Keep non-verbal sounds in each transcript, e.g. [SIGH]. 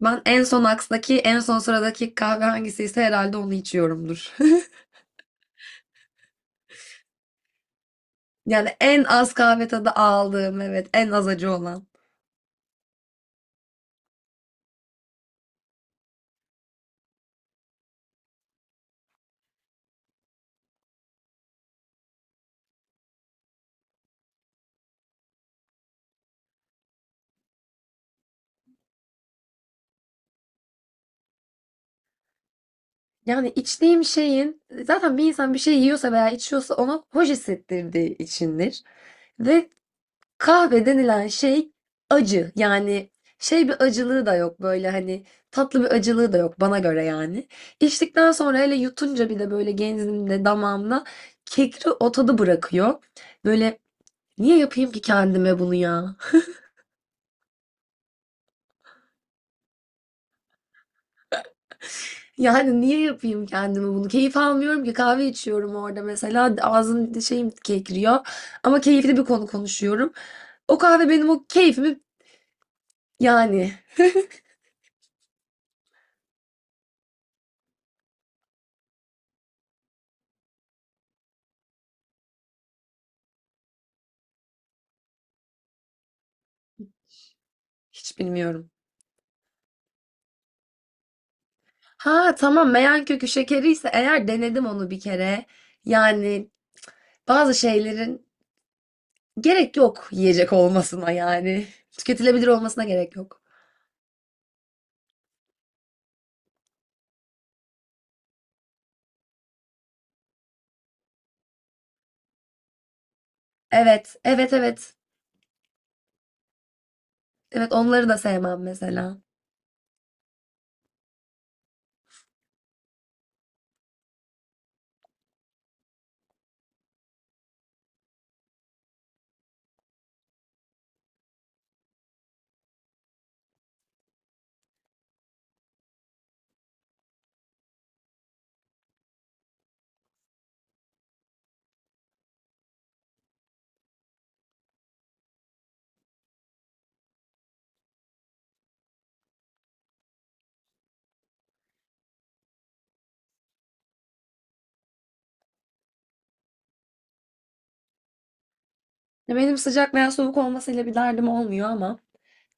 Ben en son aksdaki, en son sıradaki kahve hangisiyse herhalde onu içiyorumdur. [LAUGHS] Yani en az kahve tadı aldığım, evet, en az acı olan. Yani içtiğim şeyin, zaten bir insan bir şey yiyorsa veya içiyorsa ona hoş hissettirdiği içindir. Ve kahve denilen şey acı. Yani şey bir acılığı da yok, böyle hani tatlı bir acılığı da yok bana göre yani. İçtikten sonra hele yutunca bir de böyle genzimde, damağımda kekri o tadı bırakıyor. Böyle, niye yapayım ki kendime bunu ya? [LAUGHS] Yani niye yapayım kendime bunu? Keyif almıyorum ki kahve içiyorum orada mesela. Ağzım şeyim kekriyor. Ama keyifli bir konu konuşuyorum. O kahve benim o keyfimi yani, hiç bilmiyorum. Ha tamam, meyan kökü şekeri ise eğer denedim onu bir kere. Yani bazı şeylerin gerek yok yiyecek olmasına yani. Tüketilebilir olmasına gerek yok. Evet, evet, evet. Evet, onları da sevmem mesela. Ya benim sıcak veya soğuk olmasıyla bir derdim olmuyor ama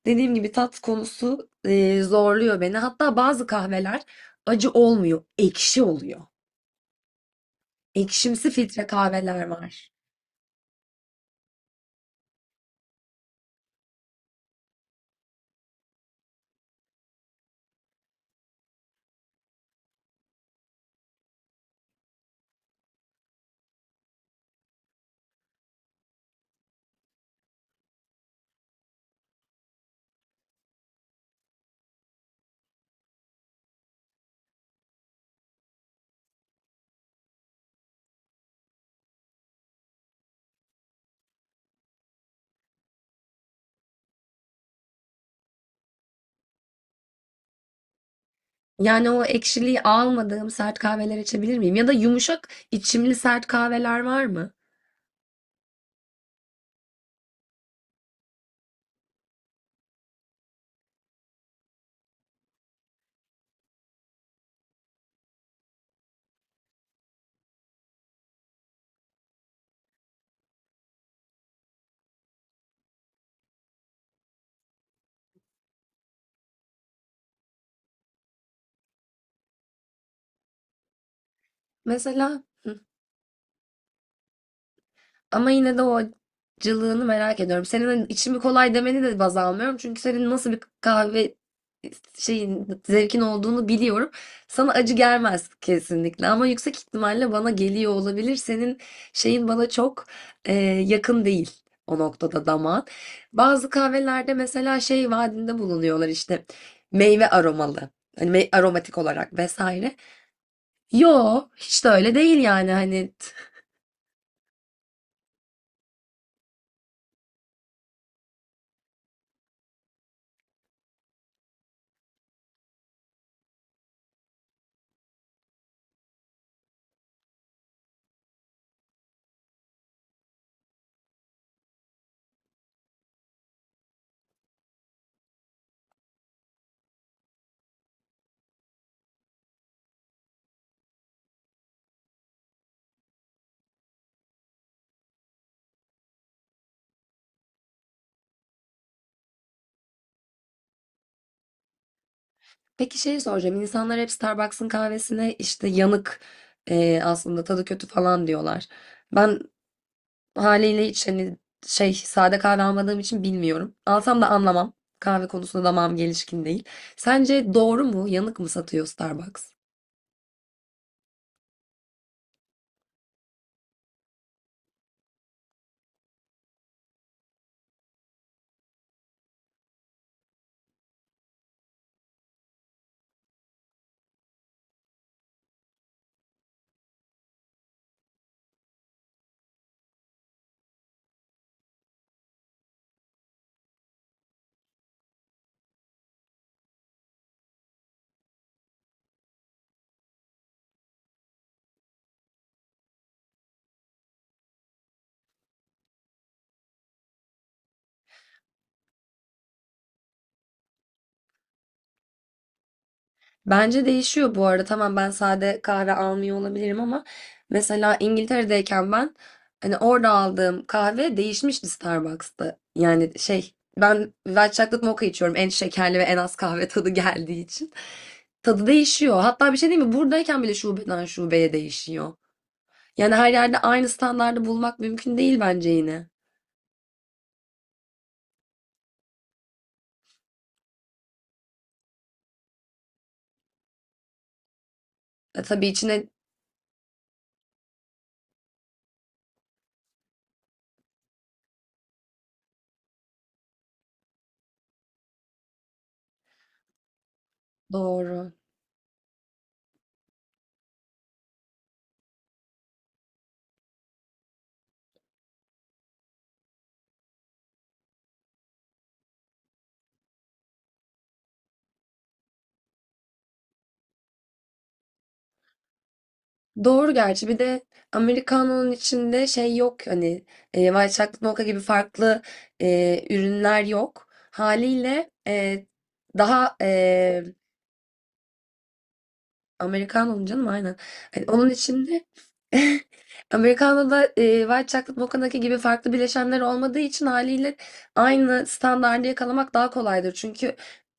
dediğim gibi tat konusu zorluyor beni. Hatta bazı kahveler acı olmuyor, ekşi oluyor. Ekşimsi filtre kahveler var. Yani o ekşiliği almadığım sert kahveler içebilir miyim? Ya da yumuşak içimli sert kahveler var mı? Mesela ama yine de o acılığını merak ediyorum. Senin hani içimi kolay demeni de baz almıyorum. Çünkü senin nasıl bir kahve şeyin, zevkin olduğunu biliyorum. Sana acı gelmez kesinlikle ama yüksek ihtimalle bana geliyor olabilir. Senin şeyin bana çok e, yakın değil o noktada damağın. Bazı kahvelerde mesela şey vaadinde bulunuyorlar, işte meyve aromalı. Hani aromatik olarak vesaire. Yo, hiç de öyle değil yani hani peki şey soracağım. İnsanlar hep Starbucks'ın kahvesine işte yanık, aslında tadı kötü falan diyorlar. Ben haliyle hiç hani şey sade kahve almadığım için bilmiyorum. Alsam da anlamam. Kahve konusunda damağım gelişkin değil. Sence doğru mu? Yanık mı satıyor Starbucks? Bence değişiyor bu arada. Tamam, ben sade kahve almıyor olabilirim ama mesela İngiltere'deyken ben hani orada aldığım kahve değişmişti Starbucks'ta. Yani şey, ben White Chocolate Mocha içiyorum en şekerli ve en az kahve tadı geldiği için. Tadı değişiyor. Hatta bir şey değil mi? Buradayken bile şubeden şubeye değişiyor. Yani her yerde aynı standardı bulmak mümkün değil bence yine. E, tabii içine doğru. Doğru gerçi. Bir de Americano'nun içinde şey yok, hani White Chocolate Mocha gibi farklı ürünler yok. Haliyle daha Americano'nun canım aynen. Hani onun içinde [LAUGHS] Americano'da White Chocolate Mocha'daki gibi farklı bileşenler olmadığı için haliyle aynı standardı yakalamak daha kolaydır. Çünkü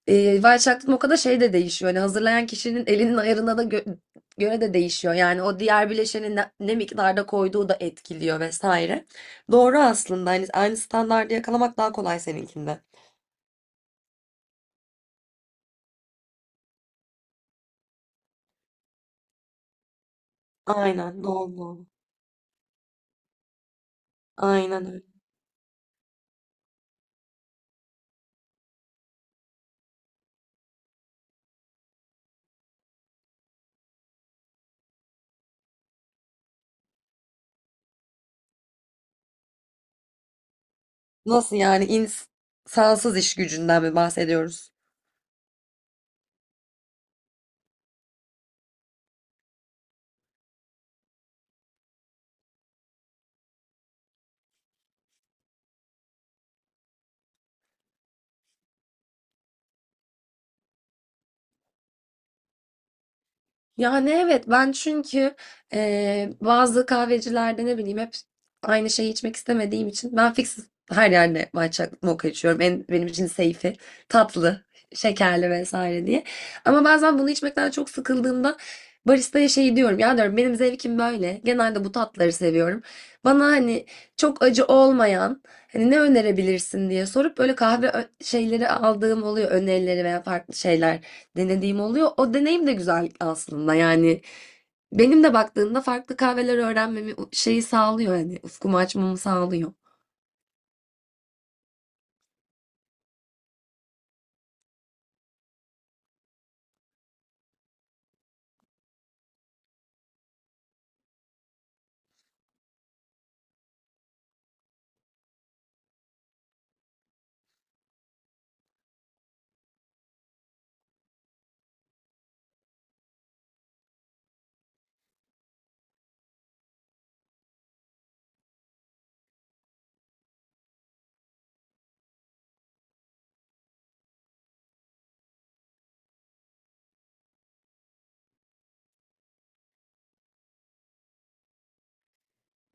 White Chocolate Mocha'da şey de değişiyor. Hani hazırlayan kişinin elinin ayarına da göre de değişiyor. Yani o diğer bileşeni ne, ne miktarda koyduğu da etkiliyor vesaire. Doğru aslında. Hani aynı standardı yakalamak daha kolay seninkinde. Aynen doğru. Aynen öyle. Nasıl yani, insansız iş gücünden mi bahsediyoruz? Yani evet, ben çünkü bazı kahvecilerde ne bileyim hep aynı şeyi içmek istemediğim için ben fix her yerde matcha mocha içiyorum. En, benim için safe'i tatlı, şekerli vesaire diye. Ama bazen bunu içmekten çok sıkıldığımda baristaya şey diyorum ya, diyorum benim zevkim böyle. Genelde bu tatları seviyorum. Bana hani çok acı olmayan, hani ne önerebilirsin diye sorup böyle kahve şeyleri aldığım oluyor, önerileri veya farklı şeyler denediğim oluyor. O deneyim de güzel aslında yani. Benim de baktığımda farklı kahveler öğrenmemi şeyi sağlıyor, hani ufkumu açmamı sağlıyor.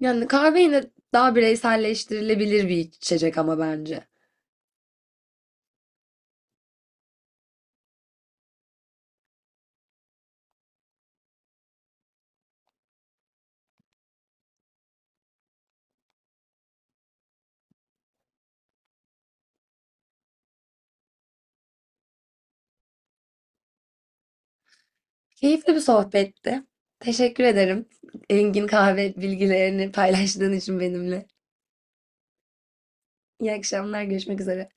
Yani kahve yine daha bireyselleştirilebilir bir içecek ama bence. Keyifli bir sohbetti. Teşekkür ederim. Engin kahve bilgilerini paylaştığın için benimle. İyi akşamlar, görüşmek üzere.